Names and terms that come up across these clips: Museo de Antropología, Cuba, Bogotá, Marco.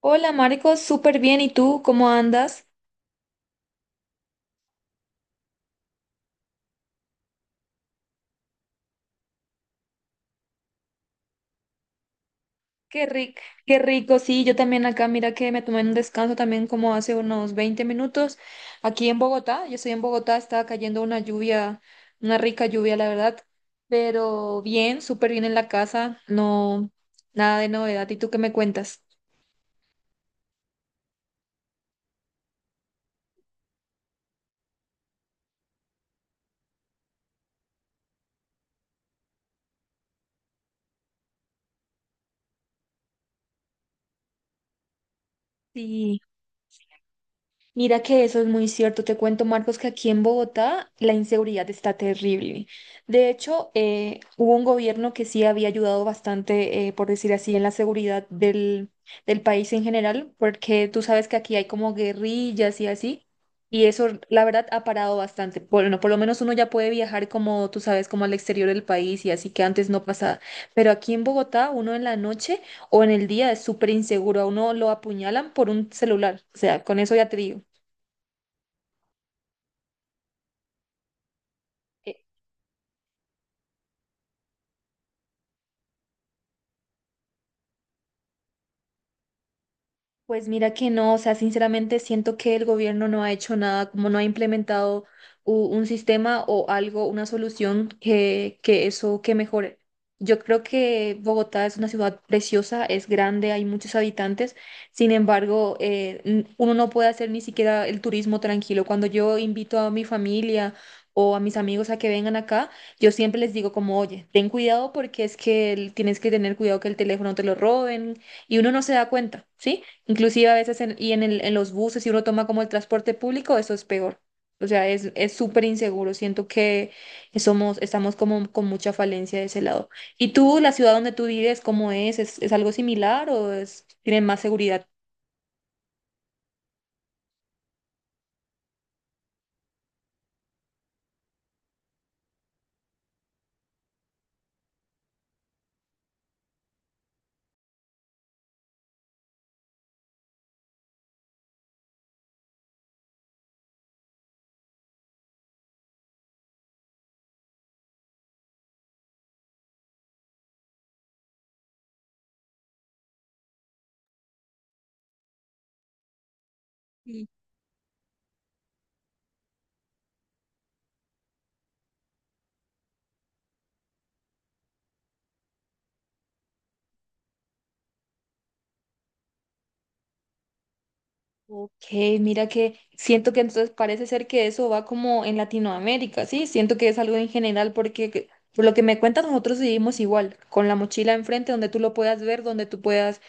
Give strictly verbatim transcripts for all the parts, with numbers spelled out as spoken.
Hola Marco, súper bien. ¿Y tú cómo andas? Qué rico, qué rico. Sí, yo también acá, mira que me tomé un descanso también como hace unos veinte minutos aquí en Bogotá. Yo estoy en Bogotá, estaba cayendo una lluvia, una rica lluvia, la verdad. Pero bien, súper bien en la casa, no, nada de novedad. ¿Y tú qué me cuentas? Sí. Mira que eso es muy cierto. Te cuento, Marcos, que aquí en Bogotá la inseguridad está terrible. De hecho, eh, hubo un gobierno que sí había ayudado bastante, eh, por decir así, en la seguridad del, del país en general, porque tú sabes que aquí hay como guerrillas y así, y eso, la verdad, ha parado bastante. Bueno, por lo menos uno ya puede viajar como, tú sabes, como al exterior del país y así que antes no pasaba. Pero aquí en Bogotá, uno en la noche o en el día es súper inseguro. A uno lo apuñalan por un celular. O sea, con eso ya te digo. E- Pues mira que no, o sea, sinceramente siento que el gobierno no ha hecho nada, como no ha implementado u- un sistema o algo, una solución que, que eso que mejore. Yo creo que Bogotá es una ciudad preciosa, es grande, hay muchos habitantes, sin embargo, eh, n- uno no puede hacer ni siquiera el turismo tranquilo. Cuando yo invito a mi familia o a mis amigos a que vengan acá, yo siempre les digo como, oye, ten cuidado porque es que el- tienes que tener cuidado que el teléfono te lo roben y uno no se da cuenta, ¿sí? Inclusive a veces en- y en, el- en los buses, si uno toma como el transporte público, eso es peor. O sea, es, es súper inseguro. Siento que somos, estamos como con mucha falencia de ese lado. ¿Y tú, la ciudad donde tú vives, cómo es? ¿Es, es algo similar o es, tienen más seguridad? Ok, mira que siento que entonces parece ser que eso va como en Latinoamérica, ¿sí? Siento que es algo en general porque que- por lo que me cuentas nosotros vivimos igual, con la mochila enfrente donde tú lo puedas ver, donde tú puedas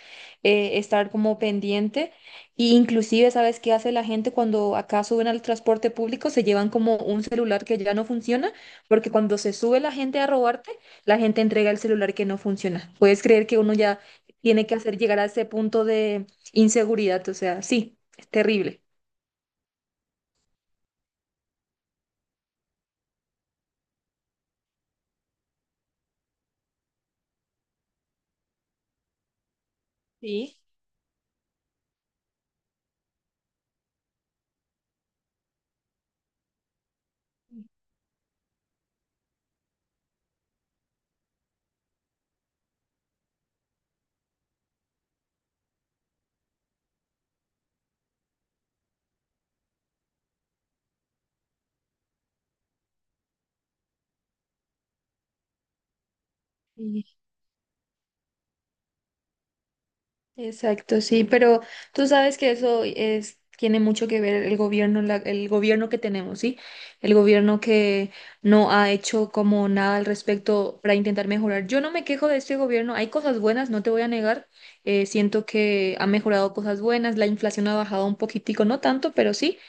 eh, estar como pendiente. Y inclusive, ¿sabes qué hace la gente cuando acá suben al transporte público? Se llevan como un celular que ya no funciona, porque cuando se sube la gente a robarte, la gente entrega el celular que no funciona. ¿Puedes creer que uno ya tiene que hacer llegar a ese punto de inseguridad? O sea, sí, terrible. Sí, sí, exacto, sí, pero tú sabes que eso es, tiene mucho que ver el gobierno, la- el gobierno que tenemos, ¿sí? El gobierno que no ha hecho como nada al respecto para intentar mejorar. Yo no me quejo de este gobierno, hay cosas buenas, no te voy a negar, eh, siento que ha mejorado cosas buenas, la inflación ha bajado un poquitico, no tanto, pero sí.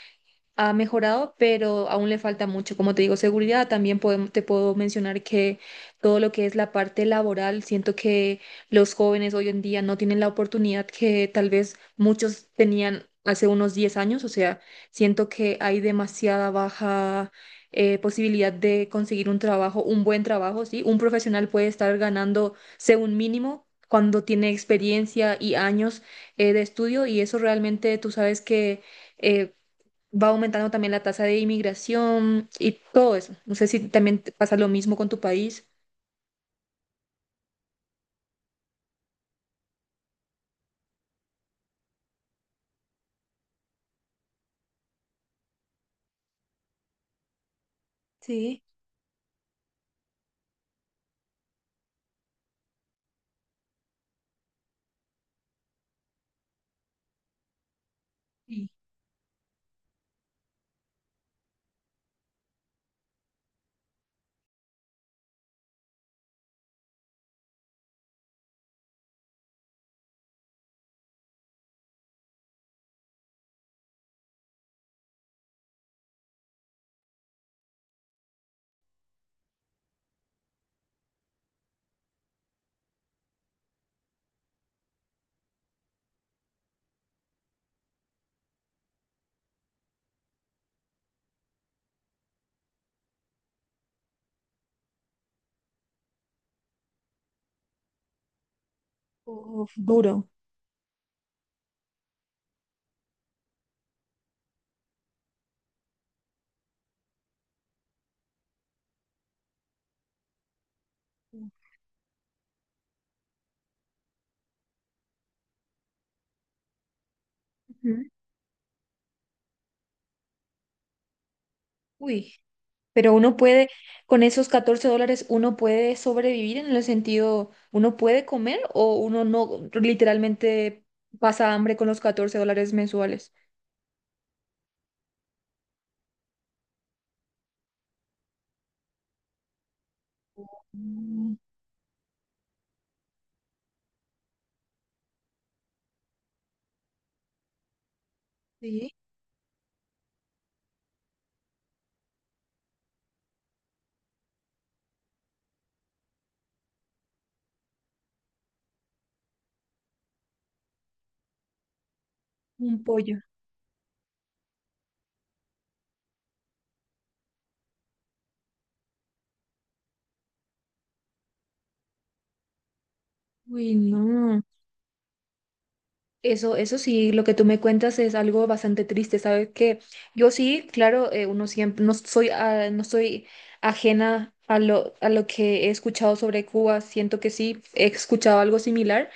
Ha mejorado, pero aún le falta mucho. Como te digo, seguridad, también podem- te puedo mencionar que todo lo que es la parte laboral, siento que los jóvenes hoy en día no tienen la oportunidad que tal vez muchos tenían hace unos diez años. O sea, siento que hay demasiada baja eh, posibilidad de conseguir un trabajo, un buen trabajo, ¿sí? Un profesional puede estar ganando, según mínimo, cuando tiene experiencia y años eh, de estudio y eso realmente tú sabes que eh, va aumentando también la tasa de inmigración y todo eso. No sé si también te pasa lo mismo con tu país. Sí. Sí. Uf, duro. Ujú. Uy. Pero uno puede, con esos catorce dólares, uno puede sobrevivir en el sentido, uno puede comer o uno no literalmente pasa hambre con los catorce dólares mensuales. Mm. Sí. Un pollo. Uy, no. Eso, eso sí, lo que tú me cuentas es algo bastante triste, ¿sabes? Que yo sí, claro, eh, uno siempre, no soy, ah, no soy ajena a lo, a lo que he escuchado sobre Cuba, siento que sí, he escuchado algo similar,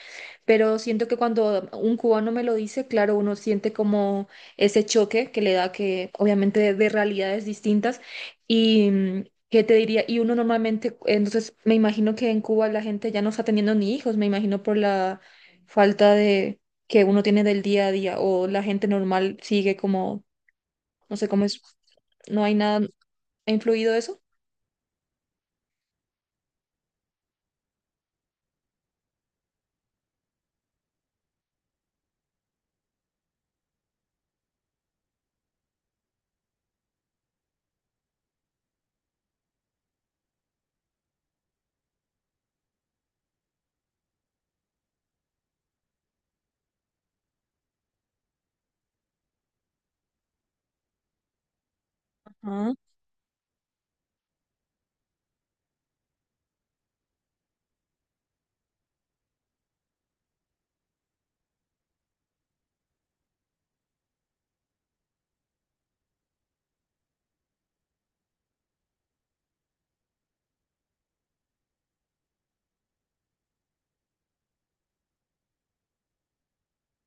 pero siento que cuando un cubano me lo dice, claro, uno siente como ese choque que le da que obviamente de, de realidades distintas y... mm, ¿qué te diría? Y uno normalmente, entonces me imagino que en Cuba la gente ya no está teniendo ni hijos, me imagino por la falta de, que uno tiene del día a día o la gente normal sigue como, no sé cómo es, no hay nada, ¿ha influido eso? Ajá.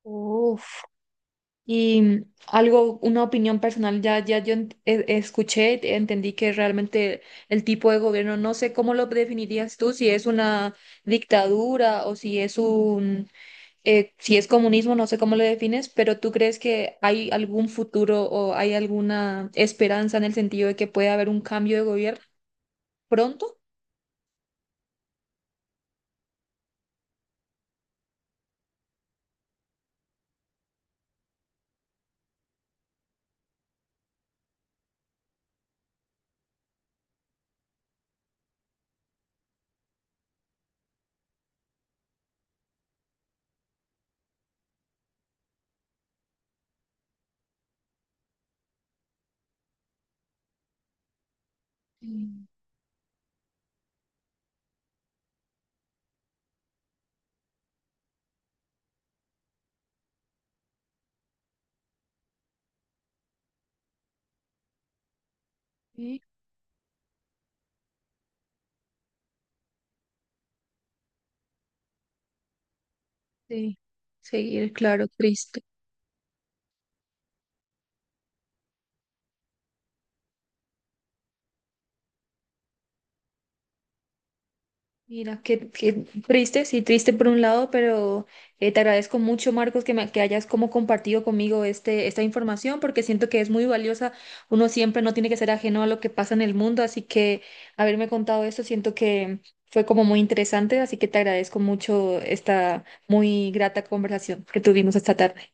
Uf. Y mm, algo, una opinión personal, ya, ya yo ent- e- escuché, entendí que realmente el tipo de gobierno, no sé cómo lo definirías tú, si es una dictadura o si es un, eh, si es comunismo, no sé cómo lo defines, pero ¿tú crees que hay algún futuro o hay alguna esperanza en el sentido de que puede haber un cambio de gobierno pronto? Sí, sí, seguir, claro, triste. Mira, qué, qué triste, sí, triste por un lado, pero eh, te agradezco mucho, Marcos, que, me, que hayas como compartido conmigo este, esta información, porque siento que es muy valiosa. Uno siempre no tiene que ser ajeno a lo que pasa en el mundo, así que haberme contado esto, siento que fue como muy interesante, así que te agradezco mucho esta muy grata conversación que tuvimos esta tarde.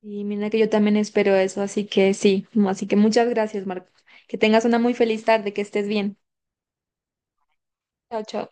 Y mira que yo también espero eso, así que sí, así que muchas gracias, Marcos. Que tengas una muy feliz tarde, que estés bien. Chao, chao.